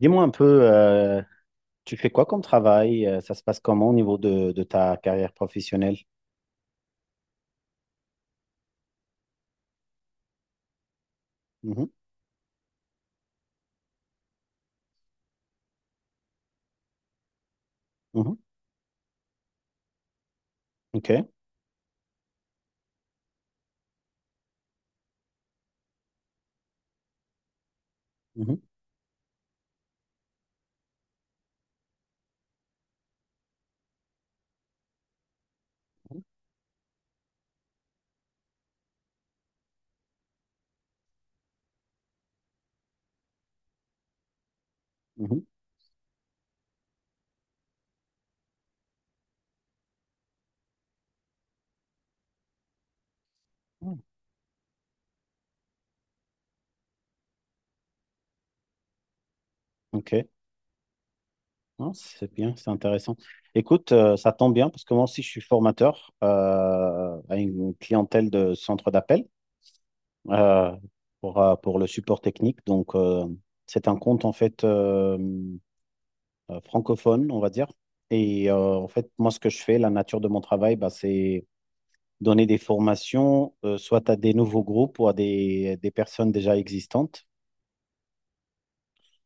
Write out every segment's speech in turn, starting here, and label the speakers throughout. Speaker 1: Dis-moi un peu, euh, tu fais quoi comme travail? Ça se passe comment au niveau de ta carrière professionnelle? Mhm, mhm, ok. Mhm, mhm, mhm, ok. Non, c'est bien, c'est intéressant. Écoute, ça tombe bien parce que moi aussi, je suis formateur à une clientèle de centre d'appel euh, pour le support technique. Donc, c'est un compte en fait francophone, on va dire. Et en fait, moi, ce que je fais, la nature de mon travail, bah, c'est donner des formations, soit à des nouveaux groupes ou à des personnes déjà existantes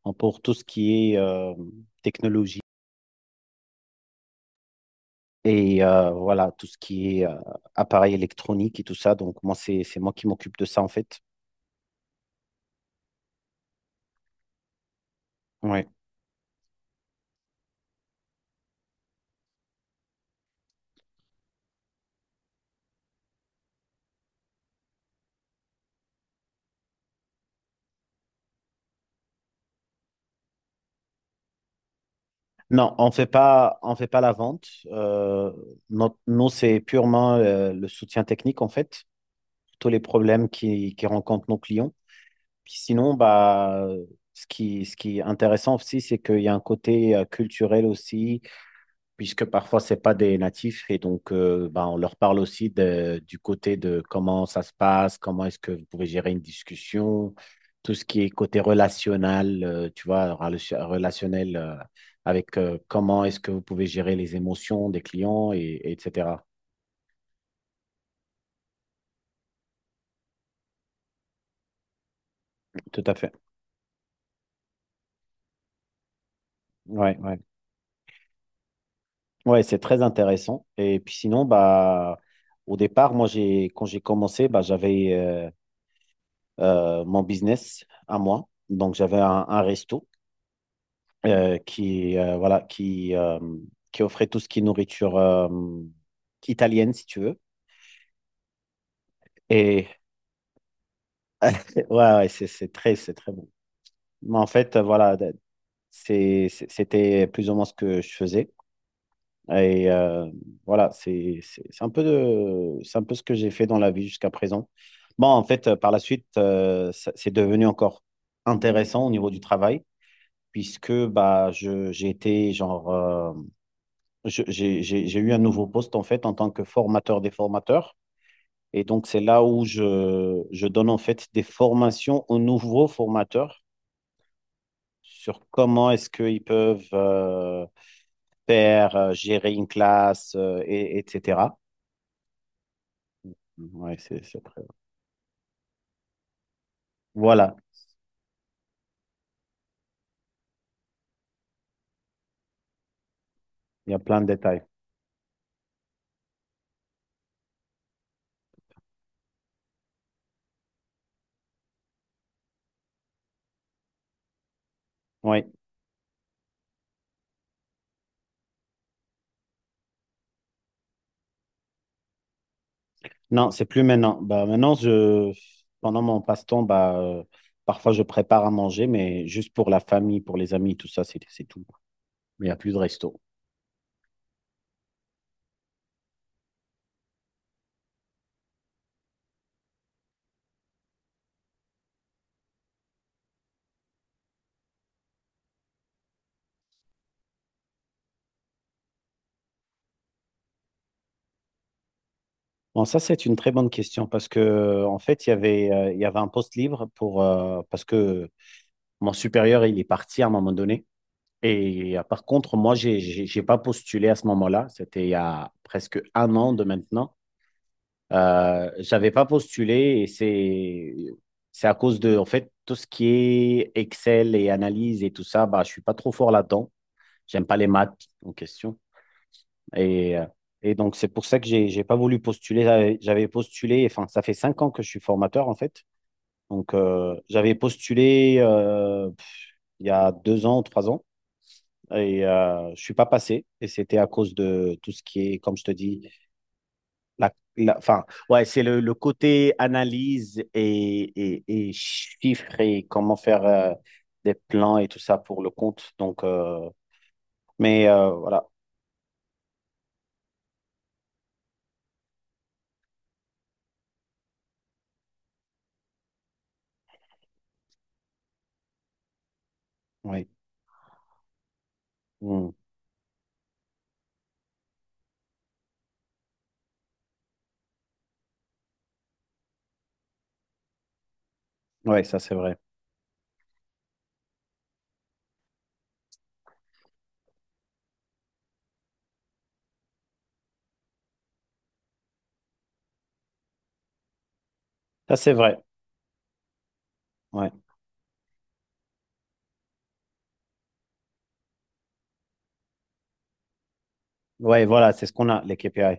Speaker 1: hein, pour tout ce qui est technologie et voilà, tout ce qui est appareil électronique et tout ça. Donc, moi, c'est moi qui m'occupe de ça, en fait. Ouais. Non, on fait pas la vente. Nous, c'est purement le soutien technique, en fait, tous les problèmes qui rencontrent nos clients. Puis sinon, bah, ce qui est intéressant aussi, c'est qu'il y a un côté culturel aussi puisque parfois c'est pas des natifs et donc bah, on leur parle aussi du côté de comment ça se passe, comment est-ce que vous pouvez gérer une discussion, tout ce qui est côté relationnel, tu vois, relationnel avec comment est-ce que vous pouvez gérer les émotions des clients et etc. Tout à fait. Ouais, ouais. Ouais, c'est très intéressant. Et puis sinon, bah au départ, moi j'ai quand j'ai commencé, bah j'avais mon business à moi. Donc j'avais un resto voilà, qui offrait tout ce qui est nourriture italienne, si tu veux. Et ouais, ouais, c'est très bon. Mais en fait, voilà, c'était plus ou moins ce que je faisais. Et voilà, c'est un peu ce que j'ai fait dans la vie jusqu'à présent. Bon, en fait, par la suite, c'est devenu encore intéressant au niveau du travail, puisque bah, je, j'ai été genre je- j'ai eu un nouveau poste en fait en tant que formateur des formateurs. Et donc, c'est là où je donne en fait des formations aux nouveaux formateurs sur comment est-ce qu'ils peuvent gérer une classe, et etc. Ouais, voilà, il y a plein de détails. Oui. Non, c'est plus maintenant. Bah, maintenant, pendant mon passe-temps, bah, parfois je prépare à manger, mais juste pour la famille, pour les amis, tout ça, c'est tout. Mais il n'y a plus de resto. Bon, ça, c'est une très bonne question parce que, en fait, il y avait un poste libre pour, parce que mon supérieur, il est parti à un moment donné. Et par contre, moi, j'ai pas postulé à ce moment-là. C'était il y a presque un an de maintenant. J'avais pas postulé et c'est à cause de en fait tout ce qui est Excel et analyse et tout ça, bah je suis pas trop fort là-dedans. J'aime pas les maths en question et euh, et donc c'est pour ça que j'ai pas voulu postuler. J'avais postulé, enfin ça fait 5 ans que je suis formateur en fait. Donc j'avais postulé il y a 2 ans, 3 ans et je suis pas passé et c'était à cause de tout ce qui est comme je te dis. Enfin, ouais, c'est le côté analyse et chiffres et comment faire des plans et tout ça pour le compte. Donc, mais voilà, oui. Mm. Ouais, ça c'est vrai. Ça c'est vrai. Ouais, ouais, voilà, c'est ce qu'on a, les KPI,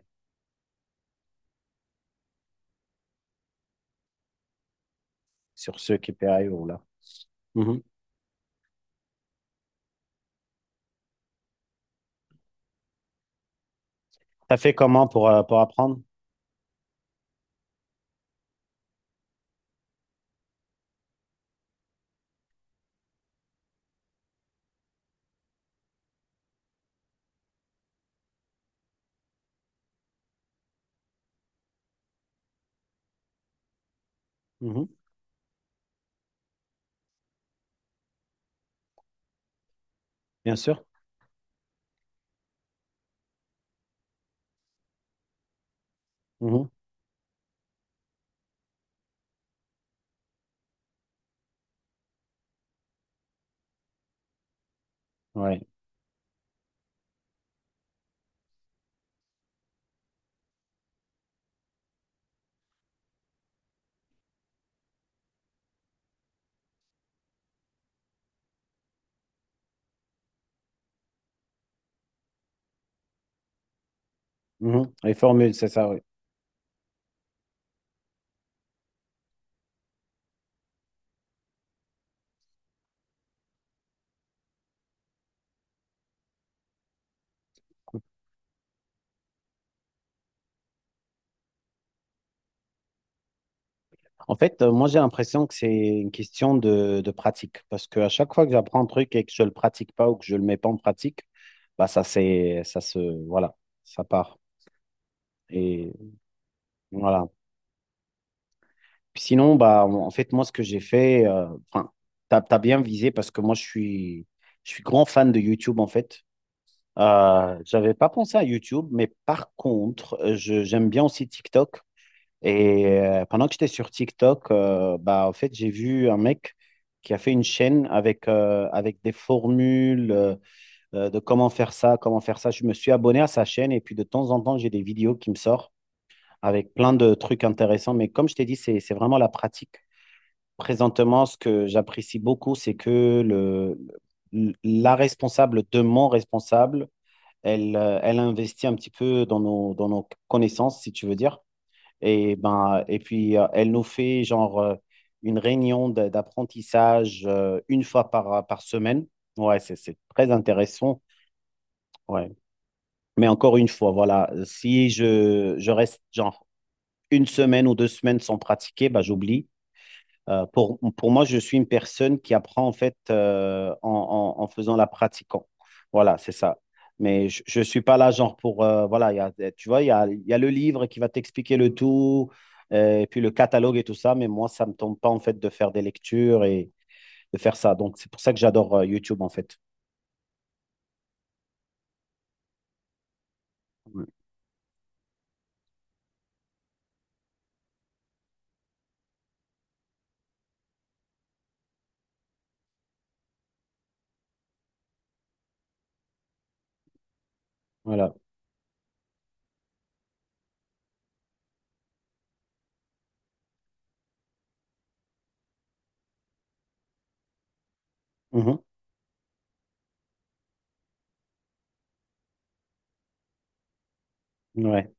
Speaker 1: sur ce KPI ou là. Mhm. Ça fait comment pour apprendre? Mhm. Bien sûr. Mhm. Ouais. Mhm. Les formules, c'est ça, oui. En fait, moi, j'ai l'impression que c'est une question de pratique. Parce qu'à chaque fois que j'apprends un truc et que je le pratique pas ou que je le mets pas en pratique, bah, ça, c'est, ça se, voilà, ça part. Et voilà. Puis sinon, bah, en fait, moi, ce que j'ai fait, enfin, t'as bien visé parce que moi, je suis grand fan de YouTube, en fait. J'avais pas pensé à YouTube, mais par contre, j'aime bien aussi TikTok. Et pendant que j'étais sur TikTok, bah, en fait, j'ai vu un mec qui a fait une chaîne avec, avec des formules de comment faire ça, comment faire ça. Je me suis abonné à sa chaîne et puis de temps en temps, j'ai des vidéos qui me sortent avec plein de trucs intéressants. Mais comme je t'ai dit, c'est vraiment la pratique. Présentement, ce que j'apprécie beaucoup, c'est que la responsable de mon responsable, elle, elle investit un petit peu dans dans nos connaissances, si tu veux dire. Et, ben, et puis, elle nous fait genre une réunion d'apprentissage une fois par semaine. Ouais, c'est très intéressant. Ouais. Mais encore une fois, voilà, si je reste genre 1 semaine ou 2 semaines sans pratiquer, bah, j'oublie. Pour moi, je suis une personne qui apprend en fait en faisant la pratiquant. Voilà, c'est ça. Mais je ne suis pas là genre pour... voilà, tu vois, il y a le livre qui va t'expliquer le tout, et puis le catalogue et tout ça, mais moi, ça ne me tombe pas en fait de faire des lectures et de faire ça. Donc, c'est pour ça que j'adore YouTube en fait. Ouais. Voilà. Mhm. Ouais.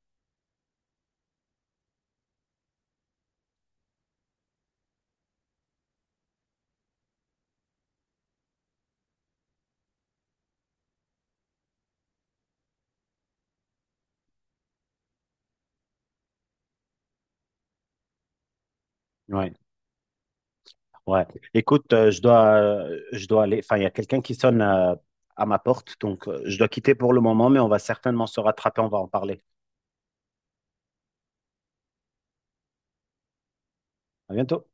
Speaker 1: Ouais. Ouais. Écoute, je dois aller. Enfin, il y a quelqu'un qui sonne à ma porte, donc je dois quitter pour le moment, mais on va certainement se rattraper. On va en parler. À bientôt.